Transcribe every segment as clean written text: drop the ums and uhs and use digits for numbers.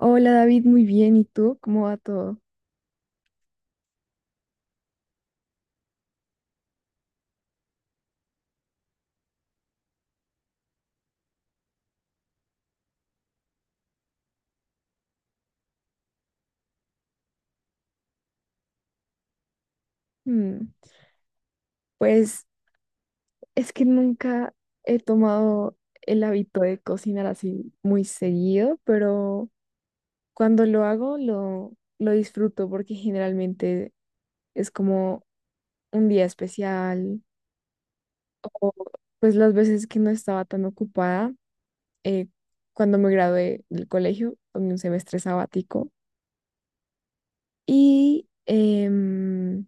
Hola David, muy bien. ¿Y tú? ¿Cómo va todo? Mm, pues es que nunca he tomado el hábito de cocinar así muy seguido, pero cuando lo hago lo disfruto porque generalmente es como un día especial o pues las veces que no estaba tan ocupada eh, cuando me gradué del colegio, tomé un semestre sabático y em,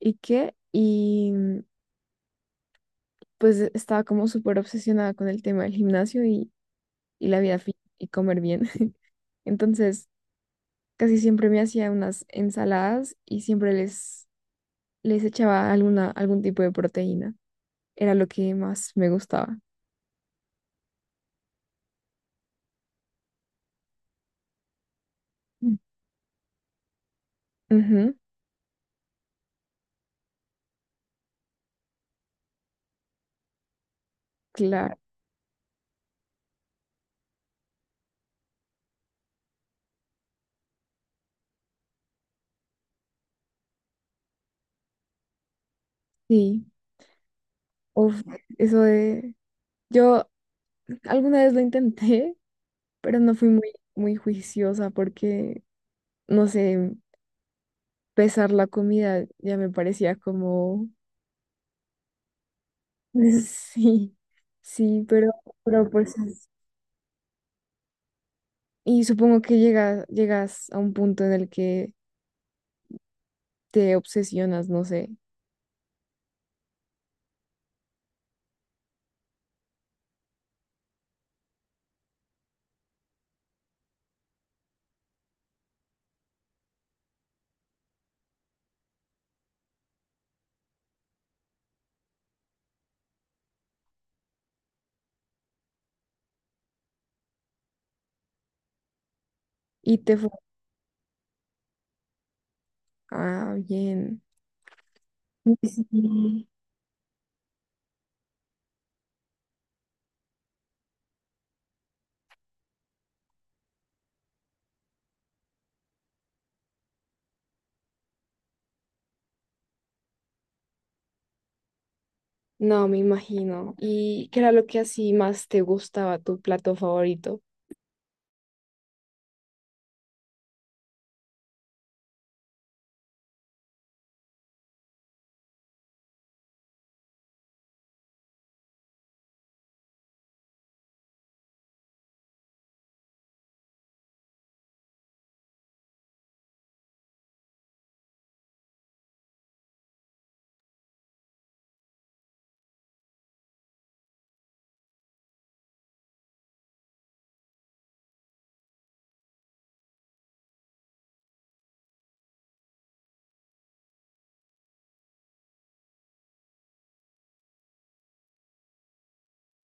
¿y qué? Y pues estaba como súper obsesionada con el tema del gimnasio y la vida fit y comer bien. Entonces, casi siempre me hacía unas ensaladas y siempre les echaba algún tipo de proteína. Era lo que más me gustaba. Mm. Ujú, claro, sí. Uf, eso de... Yo alguna vez lo intenté, pero no fui muy, muy juiciosa porque, no sé, pesar la comida ya me parecía como… Sí, sí, pero, pero pues es- y supongo que llegas a un punto en el que te obsesionas, no sé, y te fo- ah, bien. Sí. No, me imagino. ¿Y qué era lo que así más te gustaba, tu plato favorito?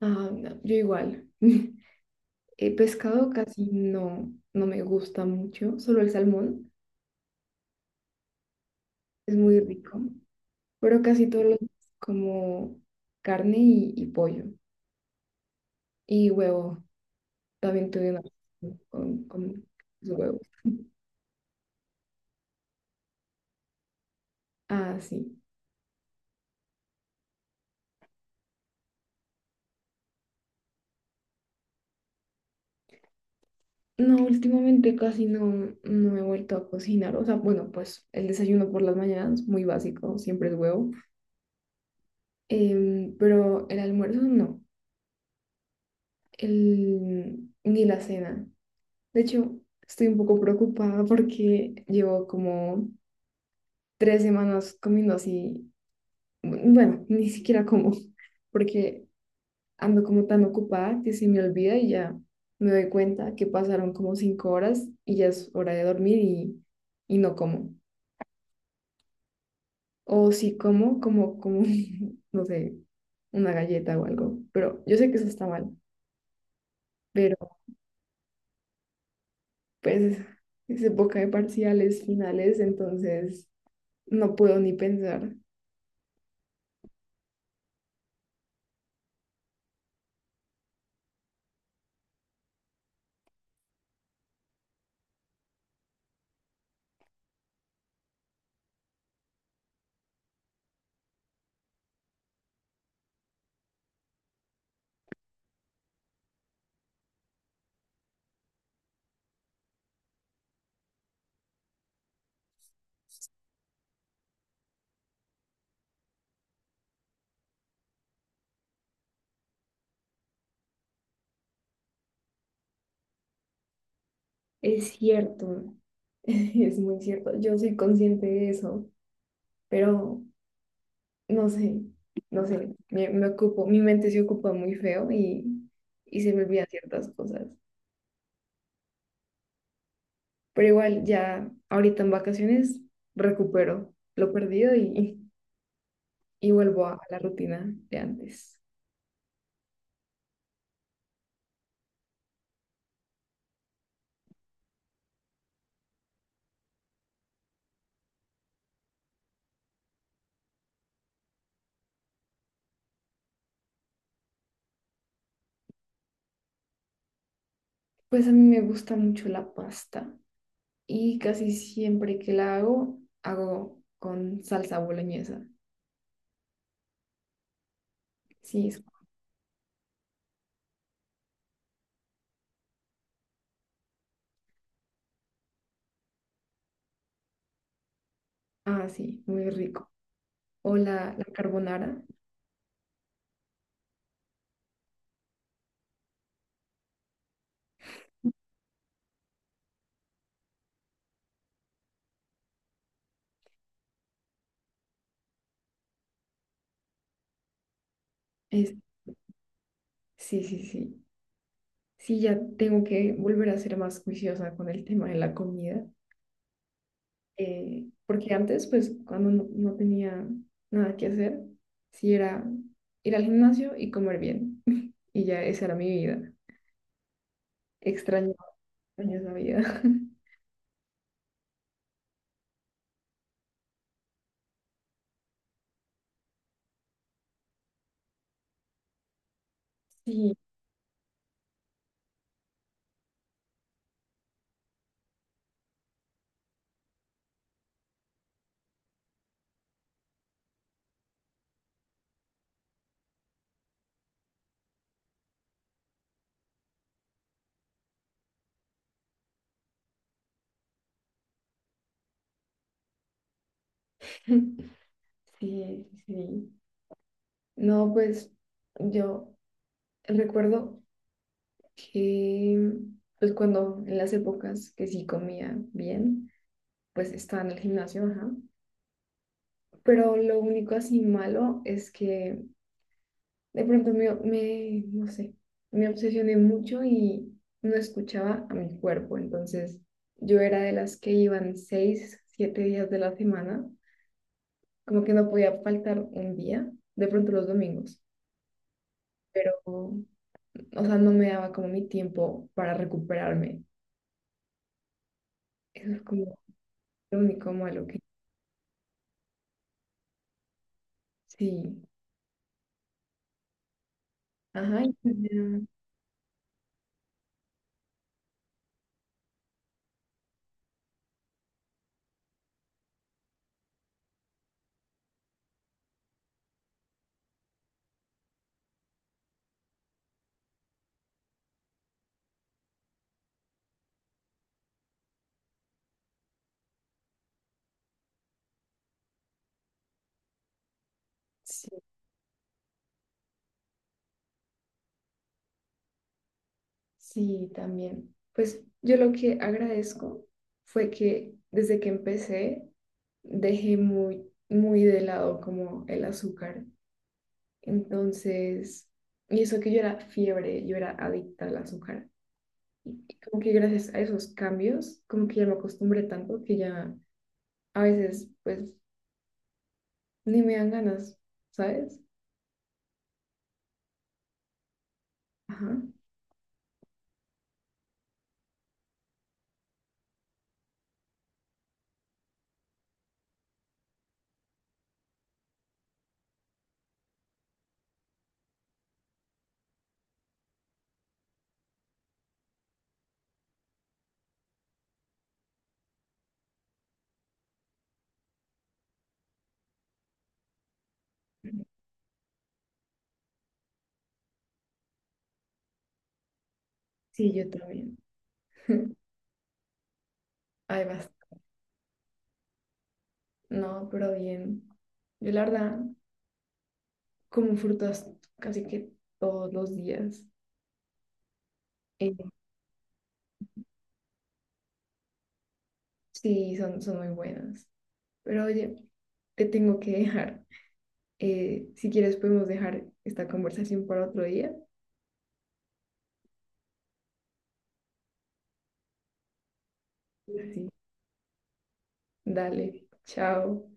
Ah, no, yo igual. El pescado casi no, no me gusta mucho, solo el salmón es muy rico, pero casi todos los como carne y pollo y huevo. También tuve una con los huevos. Ah, sí. No, últimamente casi no, no he vuelto a cocinar. O sea, bueno, pues el desayuno por las mañanas, muy básico, siempre es huevo. Pero el almuerzo no, el, ni la cena. De hecho, estoy un poco preocupada porque llevo como 3 semanas comiendo así. Bueno, ni siquiera como, porque ando como tan ocupada que se me olvida y ya me doy cuenta que pasaron como 5 horas y ya es hora de dormir y no como. O si como, como, como, no sé, una galleta o algo. Pero yo sé que eso está mal, pero pues es época de parciales finales, entonces no puedo ni pensar. Es cierto, es muy cierto, yo soy consciente de eso, pero... no sé, no sé, me ocupo, mi mente se ocupa muy feo y se me olvidan ciertas cosas. Pero igual ya ahorita en vacaciones recupero lo perdido y vuelvo a la rutina de antes. Pues a mí me gusta mucho la pasta y casi siempre que la hago, hago con salsa boloñesa. Sí, es- ah, sí, muy rico. O la carbonara. Es, sí, sí, sí. Sí, ya tengo que volver a ser más juiciosa con el tema de la comida, porque antes, pues, cuando no, no tenía nada que hacer, sí era ir al gimnasio y comer bien. Y ya esa era mi vida. Extraño, extraño esa vida. Sí, sí, sí. No, pues yo recuerdo que, pues cuando en las épocas que sí comía bien, pues estaba en el gimnasio, ajá. Pero lo único así malo es que de pronto no sé, me obsesioné mucho y no escuchaba a mi cuerpo. Entonces yo era de las que iban 6, 7 días de la semana, como que no podía faltar un día, de pronto los domingos, pero, o sea, no me daba como mi tiempo para recuperarme. Eso es como lo único malo que sí. Ajá, y pues ya, sí, también. Pues yo lo que agradezco fue que desde que empecé dejé muy, muy de lado como el azúcar. Entonces, y eso que yo era fiebre, yo era adicta al azúcar. Y como que gracias a esos cambios, como que ya me acostumbré tanto que ya a veces pues ni me dan ganas, ¿sabes? Ajá. Sí, yo también. Ay, basta. No, pero bien. Yo la verdad. Como frutas casi que todos los días. Eh, sí, son, son muy buenas. Pero oye, te tengo que dejar. Si quieres, podemos dejar esta conversación para otro día. Sí, dale, chao.